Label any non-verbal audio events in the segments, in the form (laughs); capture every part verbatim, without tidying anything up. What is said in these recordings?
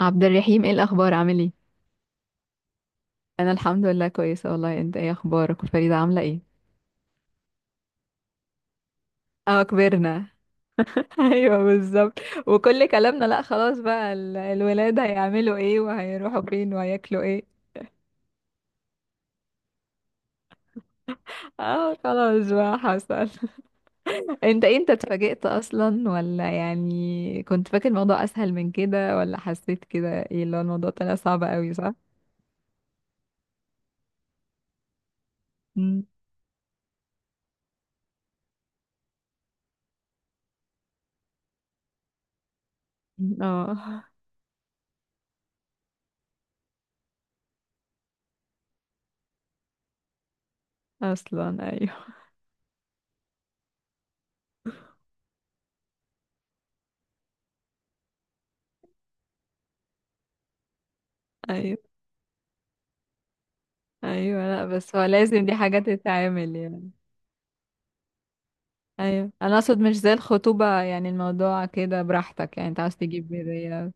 عبد الرحيم، ايه الاخبار؟ عامل ايه؟ انا الحمد لله كويسه والله. انت ايه اخبارك؟ وفريده عامله ايه؟ اه، كبرنا. (laughs) ايوه بالظبط. وكل كلامنا لا، خلاص بقى ال- الولاد هيعملوا ايه، وهيروحوا فين، وهياكلوا ايه. اه خلاص بقى حصل. (laughs) انت إيه، انت اتفاجئت اصلا ولا يعني كنت فاكر الموضوع اسهل من كده، ولا حسيت كده ايه اللي هو الموضوع طلع صعب قوي، صح؟ مم. اه اصلا، ايوه ايوه ايوه، لا بس هو لازم دي حاجه تتعامل يعني. ايوه، انا اقصد مش زي الخطوبة، يعني الموضوع كده براحتك، يعني انت عاوز تجيب هدية.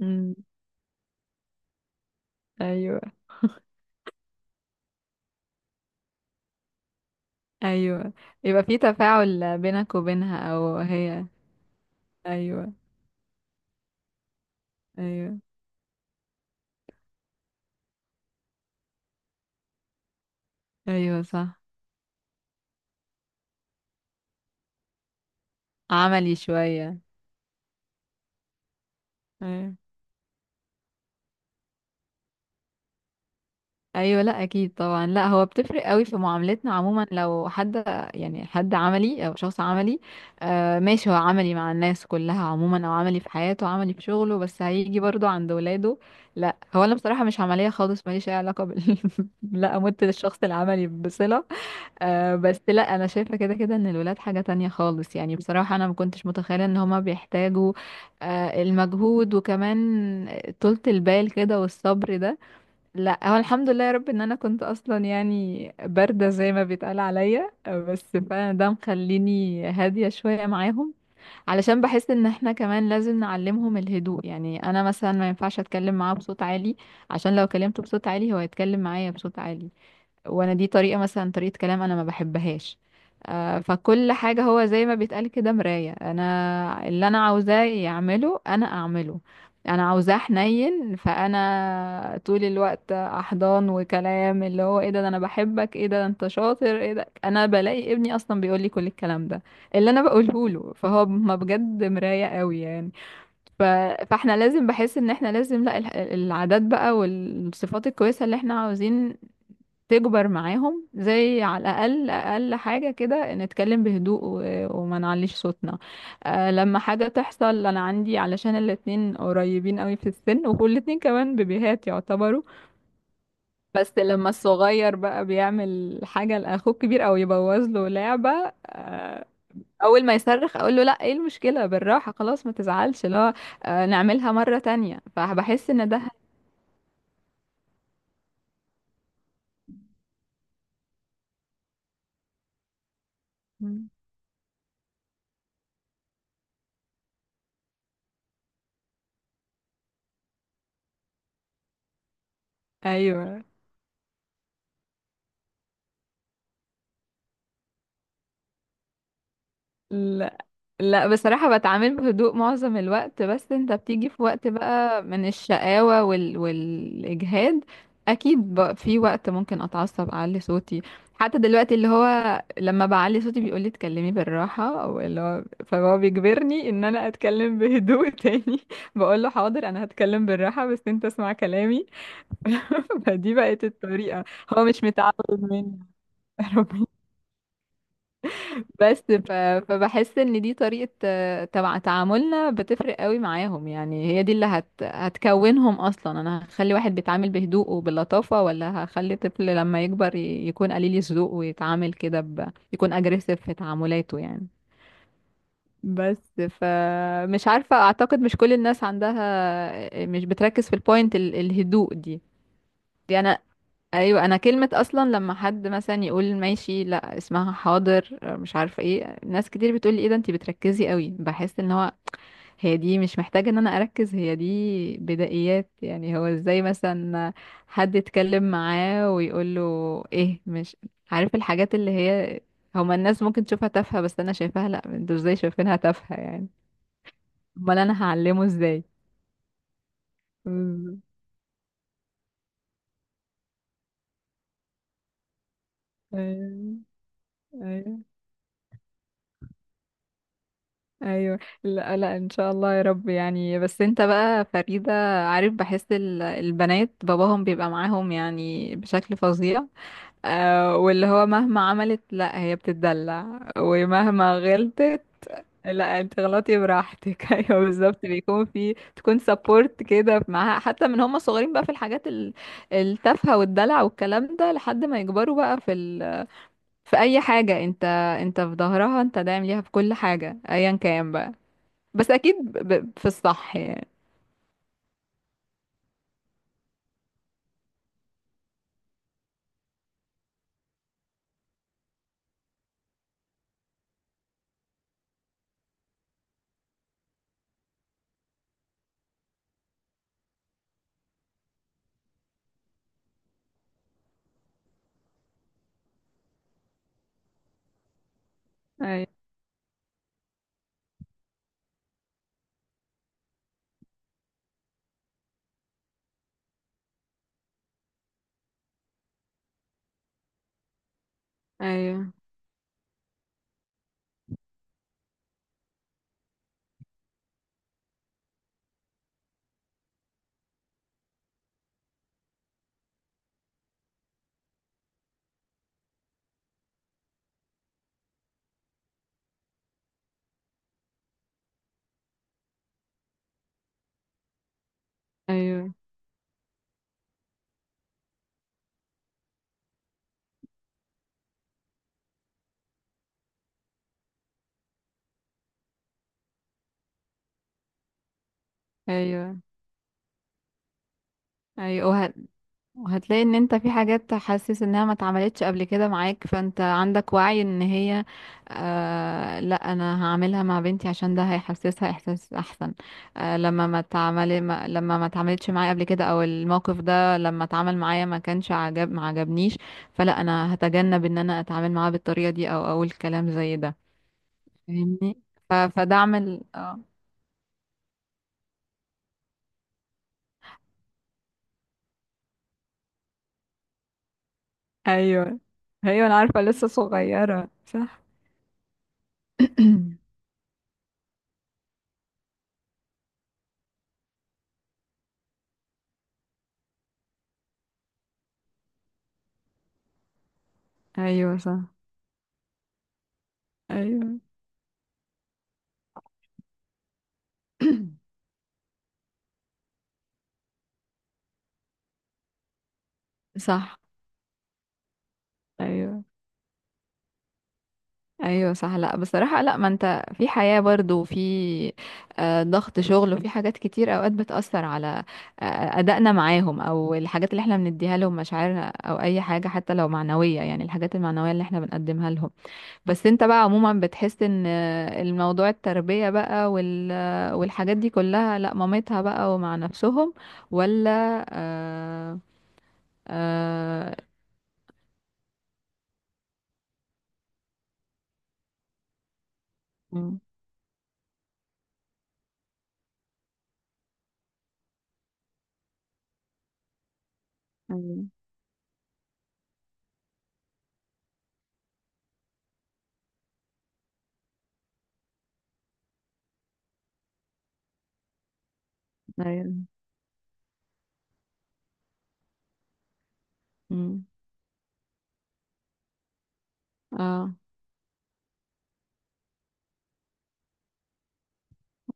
امم ايوه ايوه، يبقى في تفاعل بينك وبينها او هي. ايوه ايوه ايوه صح، عملي شوية. أيوة. ايوه، لا اكيد طبعا، لا هو بتفرق قوي في معاملتنا عموما لو حد يعني حد عملي او شخص عملي. آه ماشي، هو عملي مع الناس كلها عموما او عملي في حياته، عملي في شغله، بس هيجي برضو عند ولاده. لا هو انا بصراحه مش عمليه خالص، ماليش اي علاقه بال (laughs) لا، امت للشخص العملي بصله. آه بس لا، انا شايفه كده كده ان الولاد حاجه تانية خالص، يعني بصراحه انا ما كنتش متخيله ان هما بيحتاجوا آه المجهود، وكمان طولة البال كده والصبر ده. لا هو الحمد لله يا رب ان انا كنت اصلا يعني بارده زي ما بيتقال عليا، بس فعلا ده مخليني هاديه شويه معاهم، علشان بحس ان احنا كمان لازم نعلمهم الهدوء. يعني انا مثلا ما ينفعش اتكلم معاه بصوت عالي، عشان لو كلمته بصوت عالي هو هيتكلم معايا بصوت عالي، وانا دي طريقة، مثلا طريقة كلام انا ما بحبهاش. آه، فكل حاجة هو زي ما بيتقال كده مراية، انا اللي انا عاوزاه يعمله انا اعمله. انا عاوزاه حنين، فانا طول الوقت احضان وكلام اللي هو ايه ده ده انا بحبك، ايه ده ده انت شاطر، ايه ده. انا بلاقي ابني اصلا بيقول لي كل الكلام ده اللي انا بقوله له، فهو ما بجد مراية قوي يعني. ف... فاحنا لازم، بحس ان احنا لازم لا الح- العادات بقى والصفات الكويسة اللي احنا عاوزين تكبر معاهم، زي على الأقل أقل حاجة كده نتكلم بهدوء و- وما نعليش صوتنا. أه لما حاجة تحصل، أنا عندي علشان الاتنين قريبين قوي في السن، وكل الاتنين كمان بيبيهات يعتبروا. بس لما الصغير بقى بيعمل حاجة لأخوه الكبير أو يبوظ له لعبة، أه أول ما يصرخ أقول له لأ، إيه المشكلة، بالراحة، خلاص ما تزعلش، لا أه نعملها مرة تانية. فبحس إن ده. مم. أيوه. لا لا، بصراحة بتعامل بهدوء معظم الوقت، بس انت بتيجي في وقت بقى من الشقاوة وال... والإجهاد. أكيد بقى في وقت ممكن أتعصب، أعلي صوتي. حتى دلوقتي اللي هو لما بعلي صوتي بيقولي اتكلمي بالراحة، أو اللي هو فهو بيجبرني إن أنا أتكلم بهدوء (laughs) تاني. بقول له حاضر أنا هتكلم بالراحة، بس انت اسمع كلامي. (laughs) فدي بقت الطريقة. هو مش متعود مني. (laughs) بس ف... فبحس ان دي طريقة، آه، تبع تعاملنا، بتفرق قوي معاهم. يعني هي دي اللي هت... هتكونهم اصلا. انا هخلي واحد بيتعامل بهدوء وباللطافة، ولا هخلي طفل لما يكبر ي... يكون قليل الذوق ويتعامل كده ب... يكون اجريسيف في تعاملاته يعني. بس فمش عارفة، اعتقد مش كل الناس عندها، مش بتركز في البوينت ال... الهدوء دي يعني. ايوه، انا كلمة اصلا لما حد مثلا يقول ماشي، لا اسمها حاضر، مش عارفة ايه. ناس كتير بتقولي ايه ده، انتي بتركزي قوي. بحس ان هو هي دي مش محتاجة ان انا اركز، هي دي بدائيات. يعني هو ازاي مثلا حد يتكلم معاه ويقول له ايه، مش عارف الحاجات اللي هي هما الناس ممكن تشوفها تافهة، بس انا شايفاها لا، انتوا ازاي شايفينها تافهة يعني؟ امال انا هعلمه ازاي؟ بالظبط. ايوه ايوه ايوه. لا لا، ان شاء الله يا رب يعني، بس انت بقى فريدة. عارف، بحس ال- البنات باباهم بيبقى معاهم يعني بشكل فظيع. آه واللي هو مهما عملت، لا هي بتتدلع، ومهما غلطت لا انت غلطي براحتك. (laughs) ايوه بالظبط. بيكون في تكون سبورت كده معاها حتى من هم صغيرين، بقى في الحاجات ال- التافهة والدلع والكلام ده لحد ما يكبروا، بقى في ال... في اي حاجة انت، انت في ظهرها، انت داعم ليها في كل حاجة ايا كان بقى. بس اكيد ب... ب- في الصح يعني. ايوه ايوه ايوه ايوه ايوه. وهت... وهتلاقي ان انت في حاجات حاسس انها ما اتعملتش قبل كده معاك، فانت عندك وعي ان هي آه... لا انا هعملها مع بنتي، عشان ده هيحسسها احساس احسن. آه... لما ما اتعمل ما... لما ما اتعملتش معايا قبل كده، او الموقف ده لما اتعمل معايا ما كانش عجب، ما عجبنيش، فلا انا هتجنب ان انا اتعامل معاه بالطريقة دي او اقول كلام زي ده. فاهمني. ف... فدعم ال... اه ايوه ايوه، انا عارفه لسه صغيره صح. (coughs) (clears throat) ايوه صح. ايوه. (coughs) (clears throat) صح. ايوه ايوه صح. لا بصراحه، لا ما انت في حياه برضو، وفي آه، ضغط شغل، وفي حاجات كتير اوقات بتاثر على آه، ادائنا معاهم، او الحاجات اللي احنا بنديها لهم، مشاعرنا، او اي حاجه حتى لو معنويه. يعني الحاجات المعنويه اللي احنا بنقدمها لهم. بس انت بقى عموما بتحس ان الموضوع التربية بقى وال والحاجات دي كلها لا مامتها بقى ومع نفسهم؟ ولا؟ آه آه مم، ايوه ايوه. مم، اه.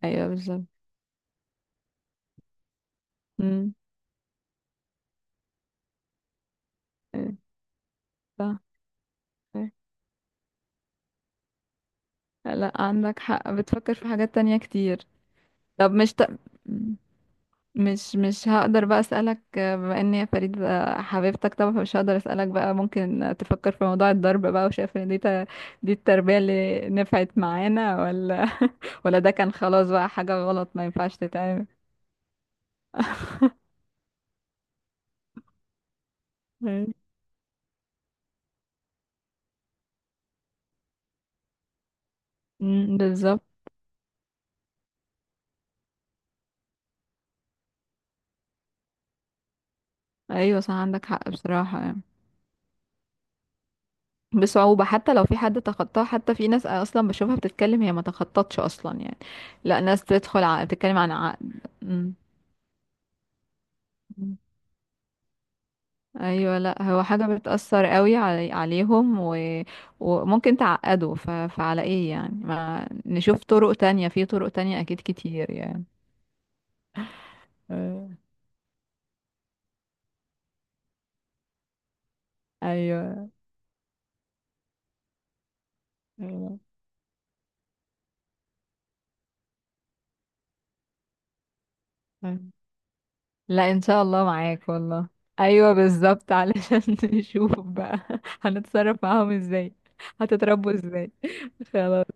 ايوه بالظبط. مم، ايوه، صح، ايوه. لا عندك حق، بتفكر في حاجات تانية كتير. طب مش ت... مم. مش مش هقدر بقى اسالك، آه، بما ان هي فريد بقى حبيبتك طبعا، فمش هقدر اسالك بقى، ممكن تفكر في موضوع الضرب بقى، وشايف ان دي ت- دي التربيه اللي نفعت معانا؟ ولا (laughs) ولا ده كان خلاص بقى حاجه غلط ما ينفعش تتعمل؟ (laughs) مم. مم، بالظبط. ايوه صح، عندك حق بصراحه يعني. بصعوبه، حتى لو في حد تخطاها، حتى في ناس اصلا بشوفها بتتكلم هي ما تخططش اصلا يعني. لا ناس بتدخل ع... بتتكلم عن عقد. مم. ايوه، لا هو حاجه بتاثر قوي علي عليهم و... وممكن تعقده. ف... فعلى ايه يعني؟ ما نشوف طرق تانية، في طرق تانية اكيد كتير يعني. آه، ايوه ايوه. أيوة. لا ان شاء الله معاك والله. ايوه بالظبط، علشان (laughs) نشوف بقى هنتصرف معاهم ازاي، هتتربوا ازاي. (laughs) خلاص.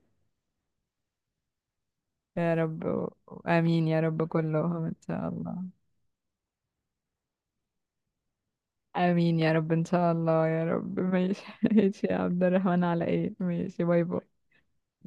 يا رب. امين يا رب كلهم ان شاء الله. امين يا رب ان شاء الله يا رب. ماشي (laughs) ماشي يا عبد الرحمن، على ايه؟ ماشي، باي باي.